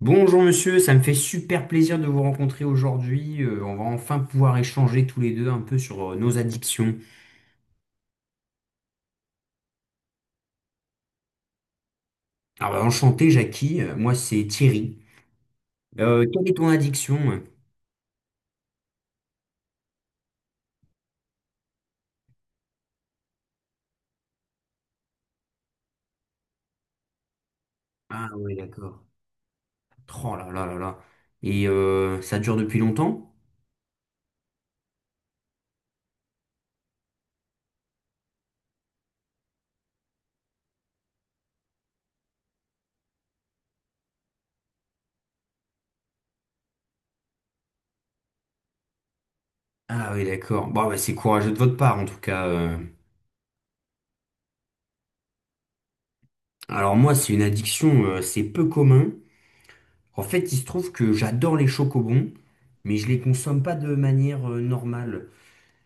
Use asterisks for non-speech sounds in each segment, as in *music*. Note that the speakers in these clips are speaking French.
Bonjour monsieur, ça me fait super plaisir de vous rencontrer aujourd'hui. On va enfin pouvoir échanger tous les deux un peu sur nos addictions. Alors bah, enchanté Jackie. Moi c'est Thierry. Quelle est ton addiction? Ah oui, d'accord. Oh là là là là. Et ça dure depuis longtemps? Ah oui, d'accord. Bon bah, c'est courageux de votre part en tout cas. Alors moi c'est une addiction, c'est peu commun. En fait il se trouve que j'adore les chocobons, mais je les consomme pas de manière normale.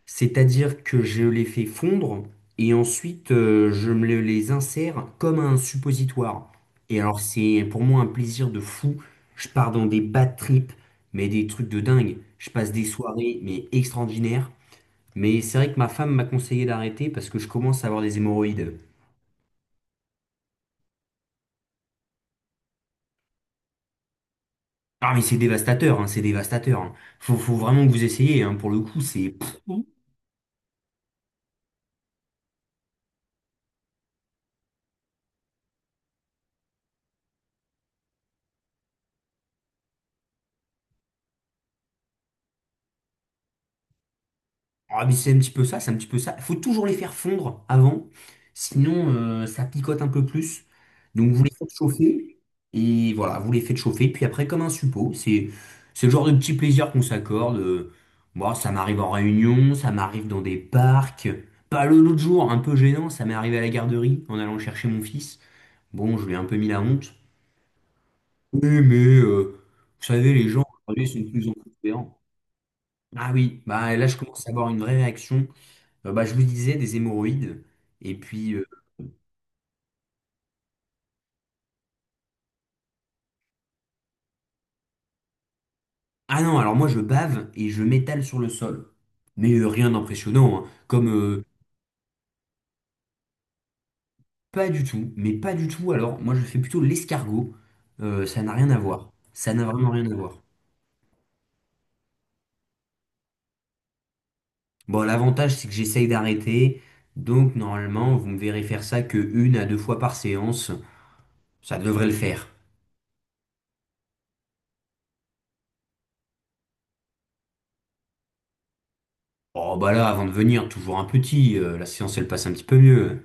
C'est-à-dire que je les fais fondre et ensuite, je les insère comme un suppositoire. Et alors c'est pour moi un plaisir de fou. Je pars dans des bad trips, mais des trucs de dingue. Je passe des soirées mais extraordinaires. Mais c'est vrai que ma femme m'a conseillé d'arrêter parce que je commence à avoir des hémorroïdes. Ah mais c'est dévastateur, hein, c'est dévastateur, hein. Faut vraiment que vous essayiez, hein, pour le coup, c'est... Ah, mais c'est un petit peu ça, c'est un petit peu ça. Il faut toujours les faire fondre avant, sinon ça picote un peu plus. Donc vous les faites chauffer, et voilà, vous les faites chauffer, puis après comme un suppôt, c'est le genre de petit plaisir qu'on s'accorde. Moi, ça m'arrive en réunion, ça m'arrive dans des parcs. Pas le- L'autre jour, un peu gênant, ça m'est arrivé à la garderie en allant chercher mon fils. Bon, je lui ai un peu mis la honte. Oui, mais vous savez, les gens, aujourd'hui, sont de plus en plus tolérants. Ah oui, bah là, je commence à avoir une vraie réaction. Bah, je vous disais des hémorroïdes. Et puis, ah non, alors moi je bave et je m'étale sur le sol. Mais rien d'impressionnant, hein. Comme pas du tout, mais pas du tout. Alors moi je fais plutôt l'escargot. Ça n'a rien à voir. Ça n'a vraiment rien à voir. Bon, l'avantage c'est que j'essaye d'arrêter. Donc normalement, vous me verrez faire ça que 1 à 2 fois par séance. Ça devrait le faire. Oh bah là, avant de venir, toujours un petit. La séance elle passe un petit peu mieux.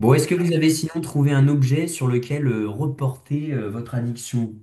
Bon, est-ce que vous avez sinon trouvé un objet sur lequel reporter votre addiction?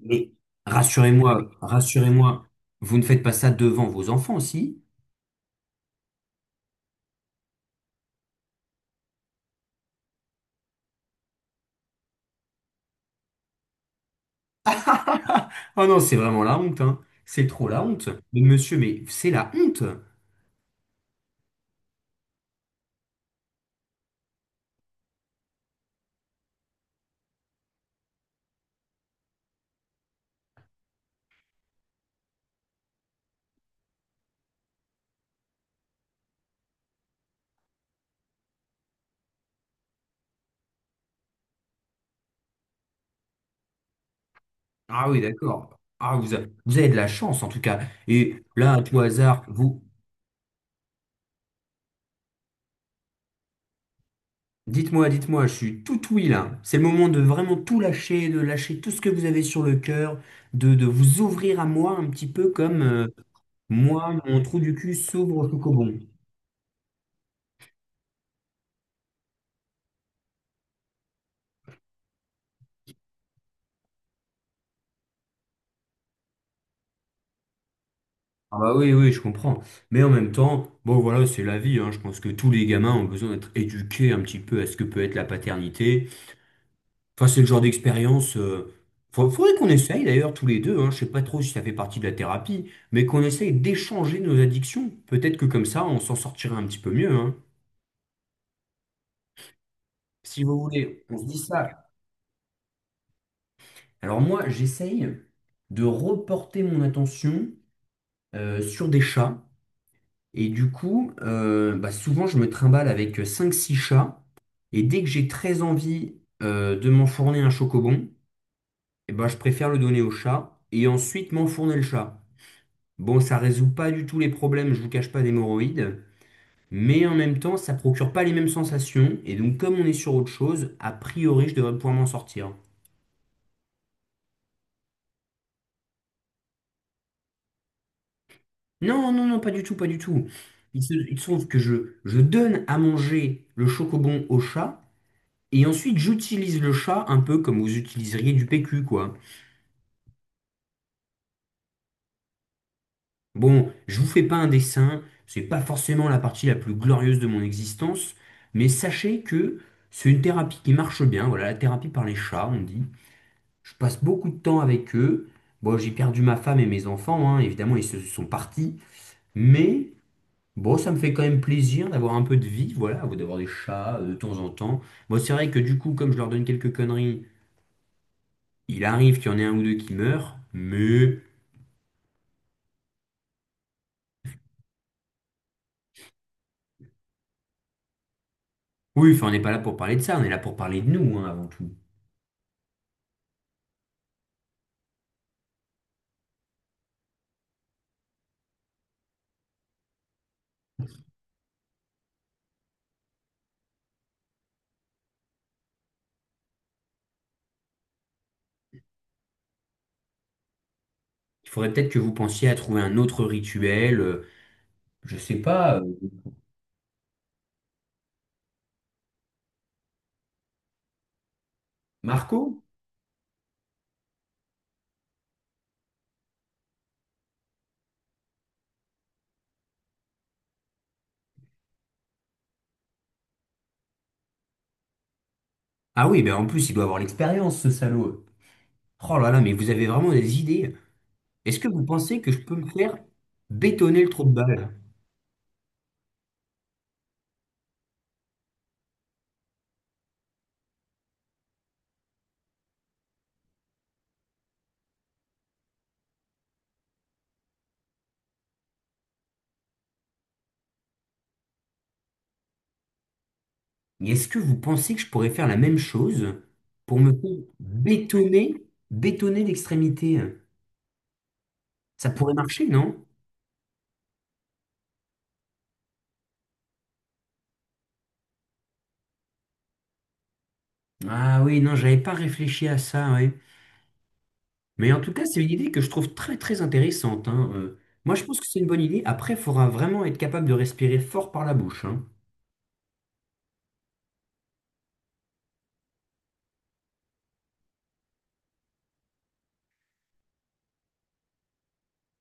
Mais rassurez-moi, rassurez-moi, vous ne faites pas ça devant vos enfants aussi? *laughs* Oh non, c'est vraiment la honte, hein. C'est trop la honte. Mais monsieur, mais c'est la honte. Ah oui, d'accord. Vous avez de la chance en tout cas. Et là, à tout hasard, vous... Dites-moi, dites-moi, je suis tout oui là. C'est le moment de vraiment tout lâcher, de lâcher tout ce que vous avez sur le cœur, de vous ouvrir à moi un petit peu comme... Moi, mon trou du cul s'ouvre au chocobon. Ah bah oui, oui, je comprends. Mais en même temps, bon voilà, c'est la vie, hein. Je pense que tous les gamins ont besoin d'être éduqués un petit peu à ce que peut être la paternité. Enfin, c'est le genre d'expérience. Faudrait qu'on essaye d'ailleurs tous les deux, hein. Je sais pas trop si ça fait partie de la thérapie, mais qu'on essaye d'échanger nos addictions. Peut-être que comme ça, on s'en sortirait un petit peu mieux, hein. Si vous voulez, on se dit ça. Alors moi, j'essaye de reporter mon attention sur des chats. Et du coup, bah, souvent, je me trimballe avec 5, 6 chats. Et dès que j'ai très envie de m'enfourner un chocobon, eh ben, je préfère le donner au chat et ensuite m'enfourner le chat. Bon, ça résout pas du tout les problèmes, je vous cache pas, d'hémorroïdes. Mais en même temps, ça procure pas les mêmes sensations. Et donc, comme on est sur autre chose, a priori, je devrais pouvoir m'en sortir. Non, non, non, pas du tout, pas du tout. Il se trouve que je donne à manger le chocobon au chat. Et ensuite, j'utilise le chat un peu comme vous utiliseriez du PQ, quoi. Bon, je vous fais pas un dessin, c'est pas forcément la partie la plus glorieuse de mon existence, mais sachez que c'est une thérapie qui marche bien, voilà, la thérapie par les chats, on dit. Je passe beaucoup de temps avec eux. Bon, j'ai perdu ma femme et mes enfants, hein, évidemment, ils se sont partis, mais bon, ça me fait quand même plaisir d'avoir un peu de vie, voilà, d'avoir des chats de temps en temps. Bon, c'est vrai que du coup, comme je leur donne quelques conneries, il arrive qu'il y en ait un ou deux qui meurent, mais. Oui, enfin, on n'est pas là pour parler de ça, on est là pour parler de nous, hein, avant tout. Il faudrait peut-être que vous pensiez à trouver un autre rituel, je sais pas, Marco? Ah oui, ben en plus, il doit avoir l'expérience, ce salaud. Oh là là, mais vous avez vraiment des idées. Est-ce que vous pensez que je peux me faire bétonner le trou de balle? Mais est-ce que vous pensez que je pourrais faire la même chose pour me faire bétonner, bétonner l'extrémité? Ça pourrait marcher, non? Ah oui, non, j'avais pas réfléchi à ça, ouais. Mais en tout cas, c'est une idée que je trouve très très intéressante, hein. Moi, je pense que c'est une bonne idée. Après, il faudra vraiment être capable de respirer fort par la bouche, hein.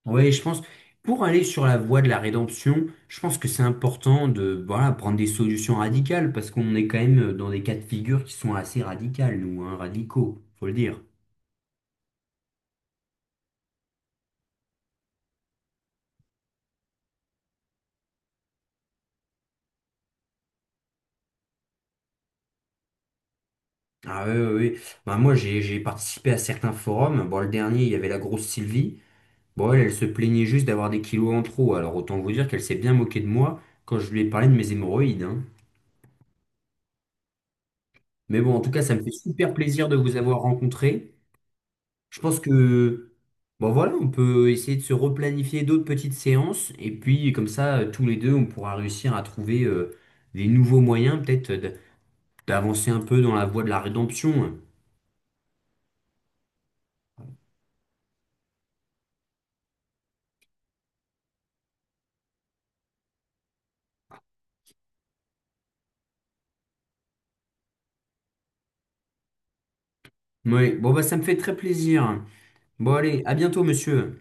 Ouais, je pense, pour aller sur la voie de la rédemption, je pense que c'est important de voilà, prendre des solutions radicales, parce qu'on est quand même dans des cas de figure qui sont assez radicales, nous, hein, radicaux, faut le dire. Ah oui, oui, oui. Bah, moi, j'ai participé à certains forums. Bon, le dernier, il y avait la grosse Sylvie. Bon, elle, elle se plaignait juste d'avoir des kilos en trop. Alors, autant vous dire qu'elle s'est bien moquée de moi quand je lui ai parlé de mes hémorroïdes, hein. Mais bon, en tout cas, ça me fait super plaisir de vous avoir rencontré. Je pense que, bon voilà, on peut essayer de se replanifier d'autres petites séances. Et puis, comme ça, tous les deux, on pourra réussir à trouver des nouveaux moyens, peut-être, d'avancer un peu dans la voie de la rédemption. Oui, bon, bah, ça me fait très plaisir. Bon, allez, à bientôt, monsieur.